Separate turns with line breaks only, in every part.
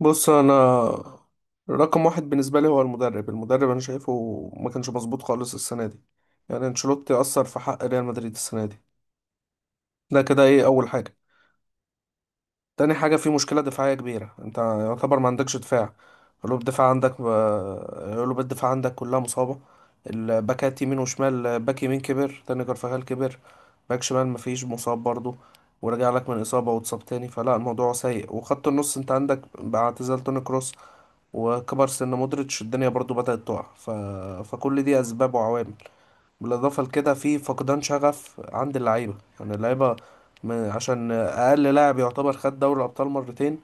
بص انا، رقم واحد بالنسبه لي هو المدرب انا شايفه ما كانش مظبوط خالص السنه دي. يعني انشيلوتي اثر في حق ريال مدريد السنه دي. ده كده ايه اول حاجه. تاني حاجة، في مشكلة دفاعية كبيرة، انت يعتبر ما عندكش دفاع. قلوب الدفاع عندك، قلوب الدفاع عندك كلها مصابة. الباكات يمين وشمال، باك يمين كبر، تاني كارفاخال كبر. باك شمال مفيش مصاب برضو، ورجع لك من إصابة واتصاب تاني، فلا الموضوع سيء. وخط النص انت عندك مع اعتزال توني كروس وكبر سن مودريتش، الدنيا برضو بدأت تقع فكل دي أسباب وعوامل. بالاضافه لكده في فقدان شغف عند اللعيبه. يعني اللعيبه، عشان اقل لاعب يعتبر خد دوري ابطال مرتين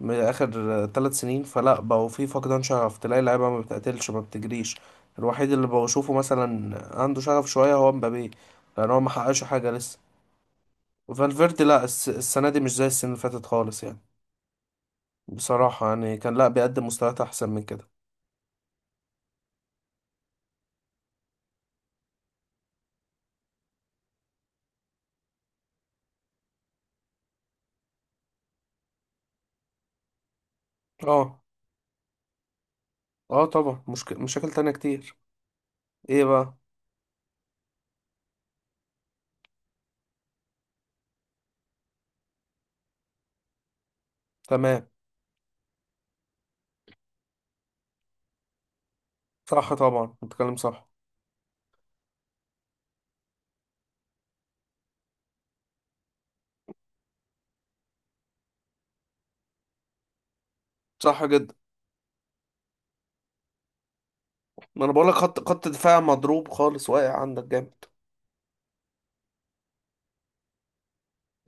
من اخر 3 سنين، فلا بقوا في فقدان شغف. تلاقي اللعيبه ما بتقتلش ما بتجريش. الوحيد اللي بشوفه مثلا عنده شغف شويه هو مبابي، لان هو ما حققش حاجه لسه. وفالفيردي، لا، السنه دي مش زي السنه اللي فاتت خالص يعني. بصراحه يعني كان لا بيقدم مستويات احسن من كده. اه اه طبعا، مشاكل تانية كتير. ايه بقى. تمام. صح طبعا، بتكلم صح. صح جدا. ما انا بقول لك، خط دفاع مضروب خالص، واقع عندك جامد.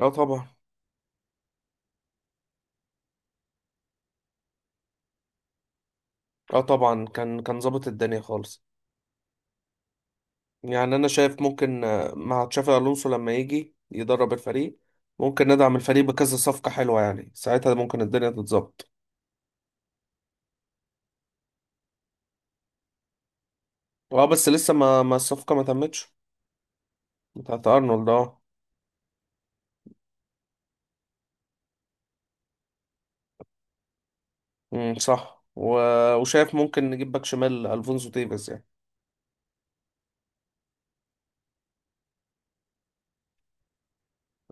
اه طبعا. اه طبعا، كان ظابط الدنيا خالص. يعني انا شايف ممكن، مع تشافي الونسو لما يجي يدرب الفريق، ممكن ندعم الفريق بكذا صفقة حلوة، يعني ساعتها ممكن الدنيا تتظبط. اه، بس لسه ما الصفقة ما تمتش. بتاعت ارنولد، اه. صح، وشايف ممكن نجيب باك شمال الفونسو ديفيز يعني.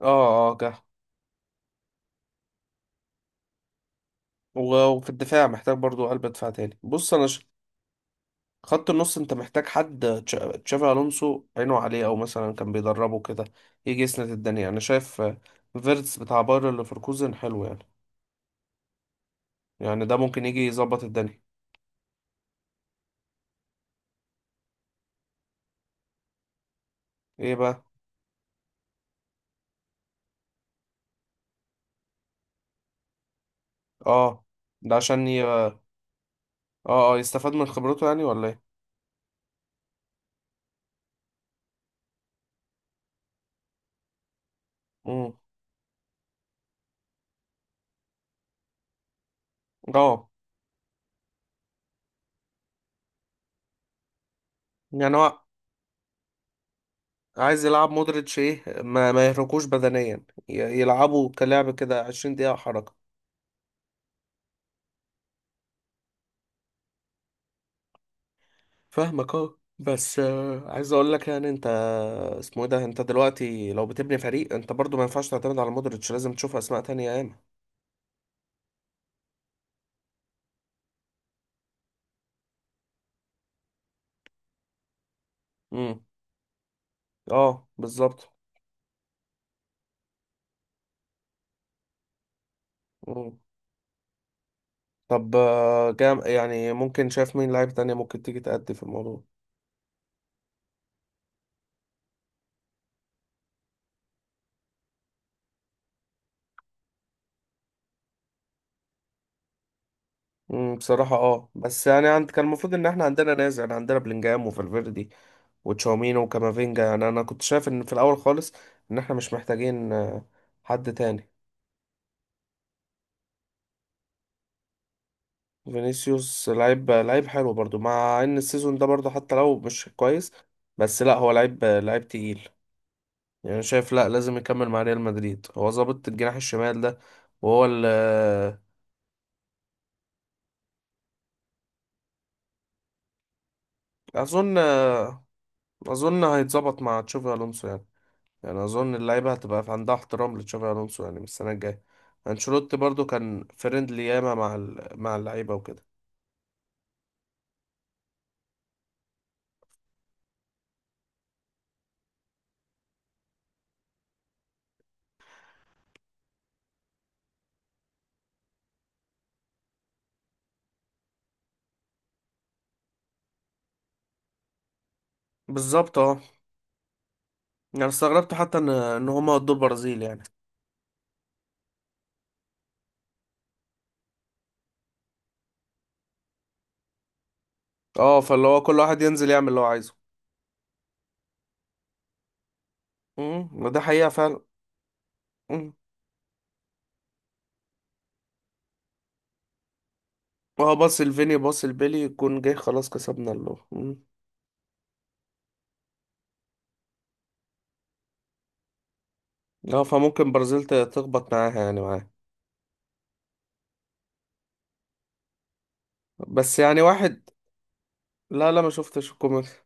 اه، اه جه. وفي الدفاع محتاج برضو قلب دفاع تاني. بص انا خط النص، انت محتاج حد تشافي الونسو عينه عليه، او مثلا كان بيدربه كده، يجي يسند الدنيا. انا شايف فيرتس بتاع باير ليفركوزن حلو يعني، يعني ده ممكن يجي يظبط الدنيا. ايه بقى. اه، ده عشان ي... اه اه يستفاد من خبرته يعني، ولا ايه؟ امم اه، يعني هو عايز يلعب مودريتش ايه، ما يهركوش بدنيا، يلعبوا كلعب كده 20 دقيقة حركة. فاهمك اه، بس عايز اقول لك يعني، انت اسمه ايه ده، انت دلوقتي لو بتبني فريق، انت برضو ما ينفعش تعتمد على مودريتش، لازم تشوف اسماء تانية ياما. امم اه، بالظبط. مم. طب، جام يعني، ممكن شايف مين لعيبة تانية ممكن تيجي تأدي في الموضوع؟ بصراحة اه، بس يعني عند، كان المفروض ان احنا عندنا ناس، يعني عندنا بلينجهام وفالفيردي وتشاوميني وكامافينجا. يعني انا كنت شايف ان في الاول خالص ان احنا مش محتاجين، حد تاني. فينيسيوس لعيب، لعيب حلو برضو، مع ان السيزون ده برضو حتى لو مش كويس، بس لا، هو لعيب، لعيب تقيل. يعني أنا شايف لا، لازم يكمل مع ريال مدريد، هو ظابط الجناح الشمال ده، وهو ال... اظن، هيتظبط مع تشافي الونسو يعني. يعني اظن اللعيبه هتبقى في عندها احترام لتشافي الونسو يعني من السنه الجايه. انشيلوتي برضو كان فريندلي ياما مع مع اللعيبه وكده. بالظبط اه، يعني استغربت حتى ان هما ودوا البرازيل يعني. اه، فاللي هو كل واحد ينزل يعمل اللي هو عايزه. مم، ما ده حقيقة فعلا. مم. هو باص الفيني، باص البيلي، يكون جاي خلاص كسبنا اللو. مم. اه، فممكن برازيل تخبط معاها، يعني معاها. بس يعني واحد. لا لا، ما شفتش الكوميك.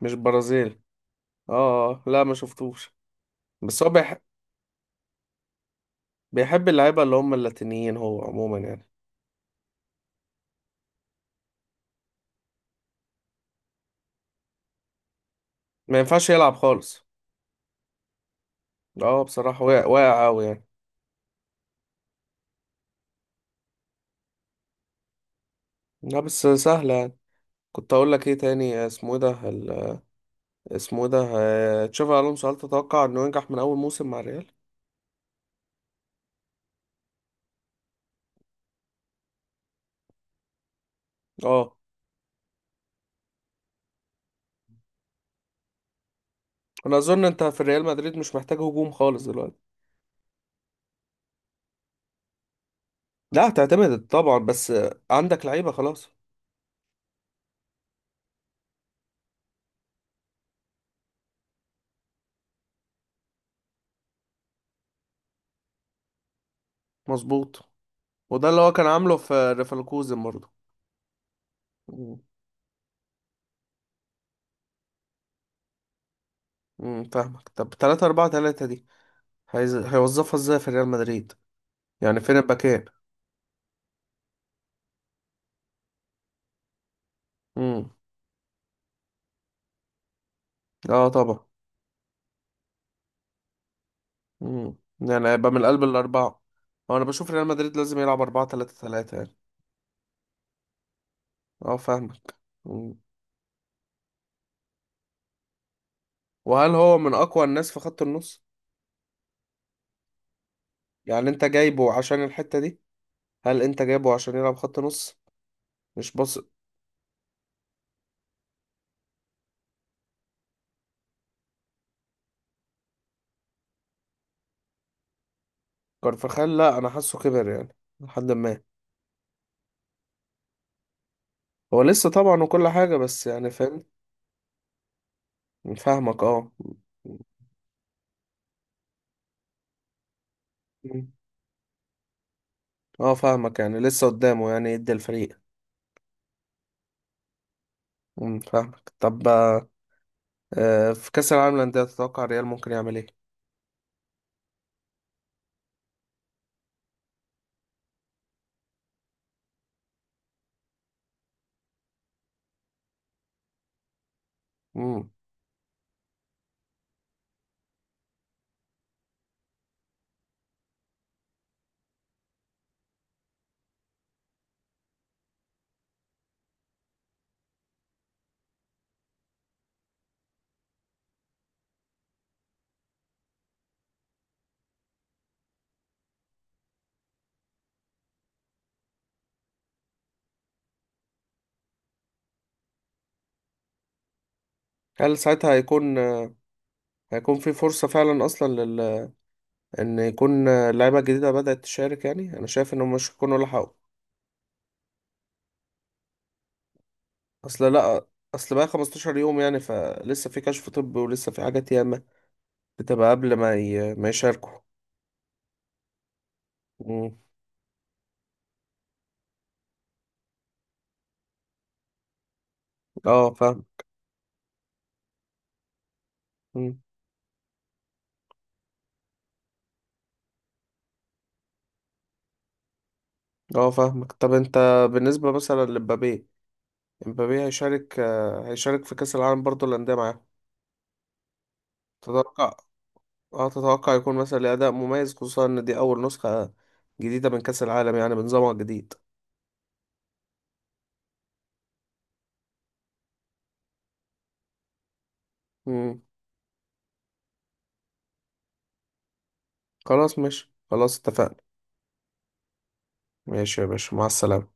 مش برازيل اه، اه. لا ما شفتوش، بس هو بيحب اللعيبة اللي هم اللاتينيين هو عموما يعني. ما ينفعش يلعب خالص. اه بصراحة، واقع، واقع أوي يعني. لا، بس سهلة يعني. كنت اقول لك ايه تاني، اسمه إيه ده اسمه إيه ده، تشافي الونسو، هل تتوقع انه ينجح من اول موسم مع الريال؟ اه. انا اظن انت في ريال مدريد مش محتاج هجوم خالص دلوقتي. لا هتعتمد طبعا، بس عندك لعيبه خلاص. مظبوط. وده اللي هو كان عامله في ليفركوزن برضه. مم. مم، فاهمك. طب 3 4 3 دي هيوظفها ازاي في ريال مدريد؟ يعني فين الباكين؟ امم اه طبعا. يعني هيبقى من قلب الاربعه. هو انا بشوف ريال مدريد لازم يلعب 4 3 3 يعني. اه فاهمك. مم. وهل هو من اقوى الناس في خط النص؟ يعني انت جايبه عشان الحته دي، هل انت جايبه عشان يلعب خط نص؟ مش بص، كارفاخال، لا انا حاسه كبر يعني، لحد ما... هو لسه طبعا وكل حاجة، بس يعني فاهم. فاهمك اه. مم. اه فاهمك، يعني لسه قدامه يعني يدي الفريق. مم، فاهمك. طب، في كأس العالم للأندية، تتوقع ريال ممكن يعمل ايه؟ مم. هل ساعتها هيكون، في فرصة فعلا أصلا إن يكون اللعيبة الجديدة بدأت تشارك؟ يعني أنا شايف إنهم مش هيكونوا لحقوا. أصل لأ، أصل بقى 15 يوم يعني، فلسه في كشف طبي ولسه في حاجات ياما بتبقى قبل ما ما يشاركوا. مم. اه فاهم. مم. اه فاهمك طب، انت بالنسبة مثلا لمبابي، مبابي هيشارك، هيشارك في كأس العالم برضه الأندية معاه. تتوقع، اه يكون مثلا ليه أداء مميز، خصوصا إن دي أول نسخة جديدة من كأس العالم يعني بنظامها الجديد؟ مم. خلاص ماشي، خلاص اتفقنا. ماشي يا باشا، مع السلامة.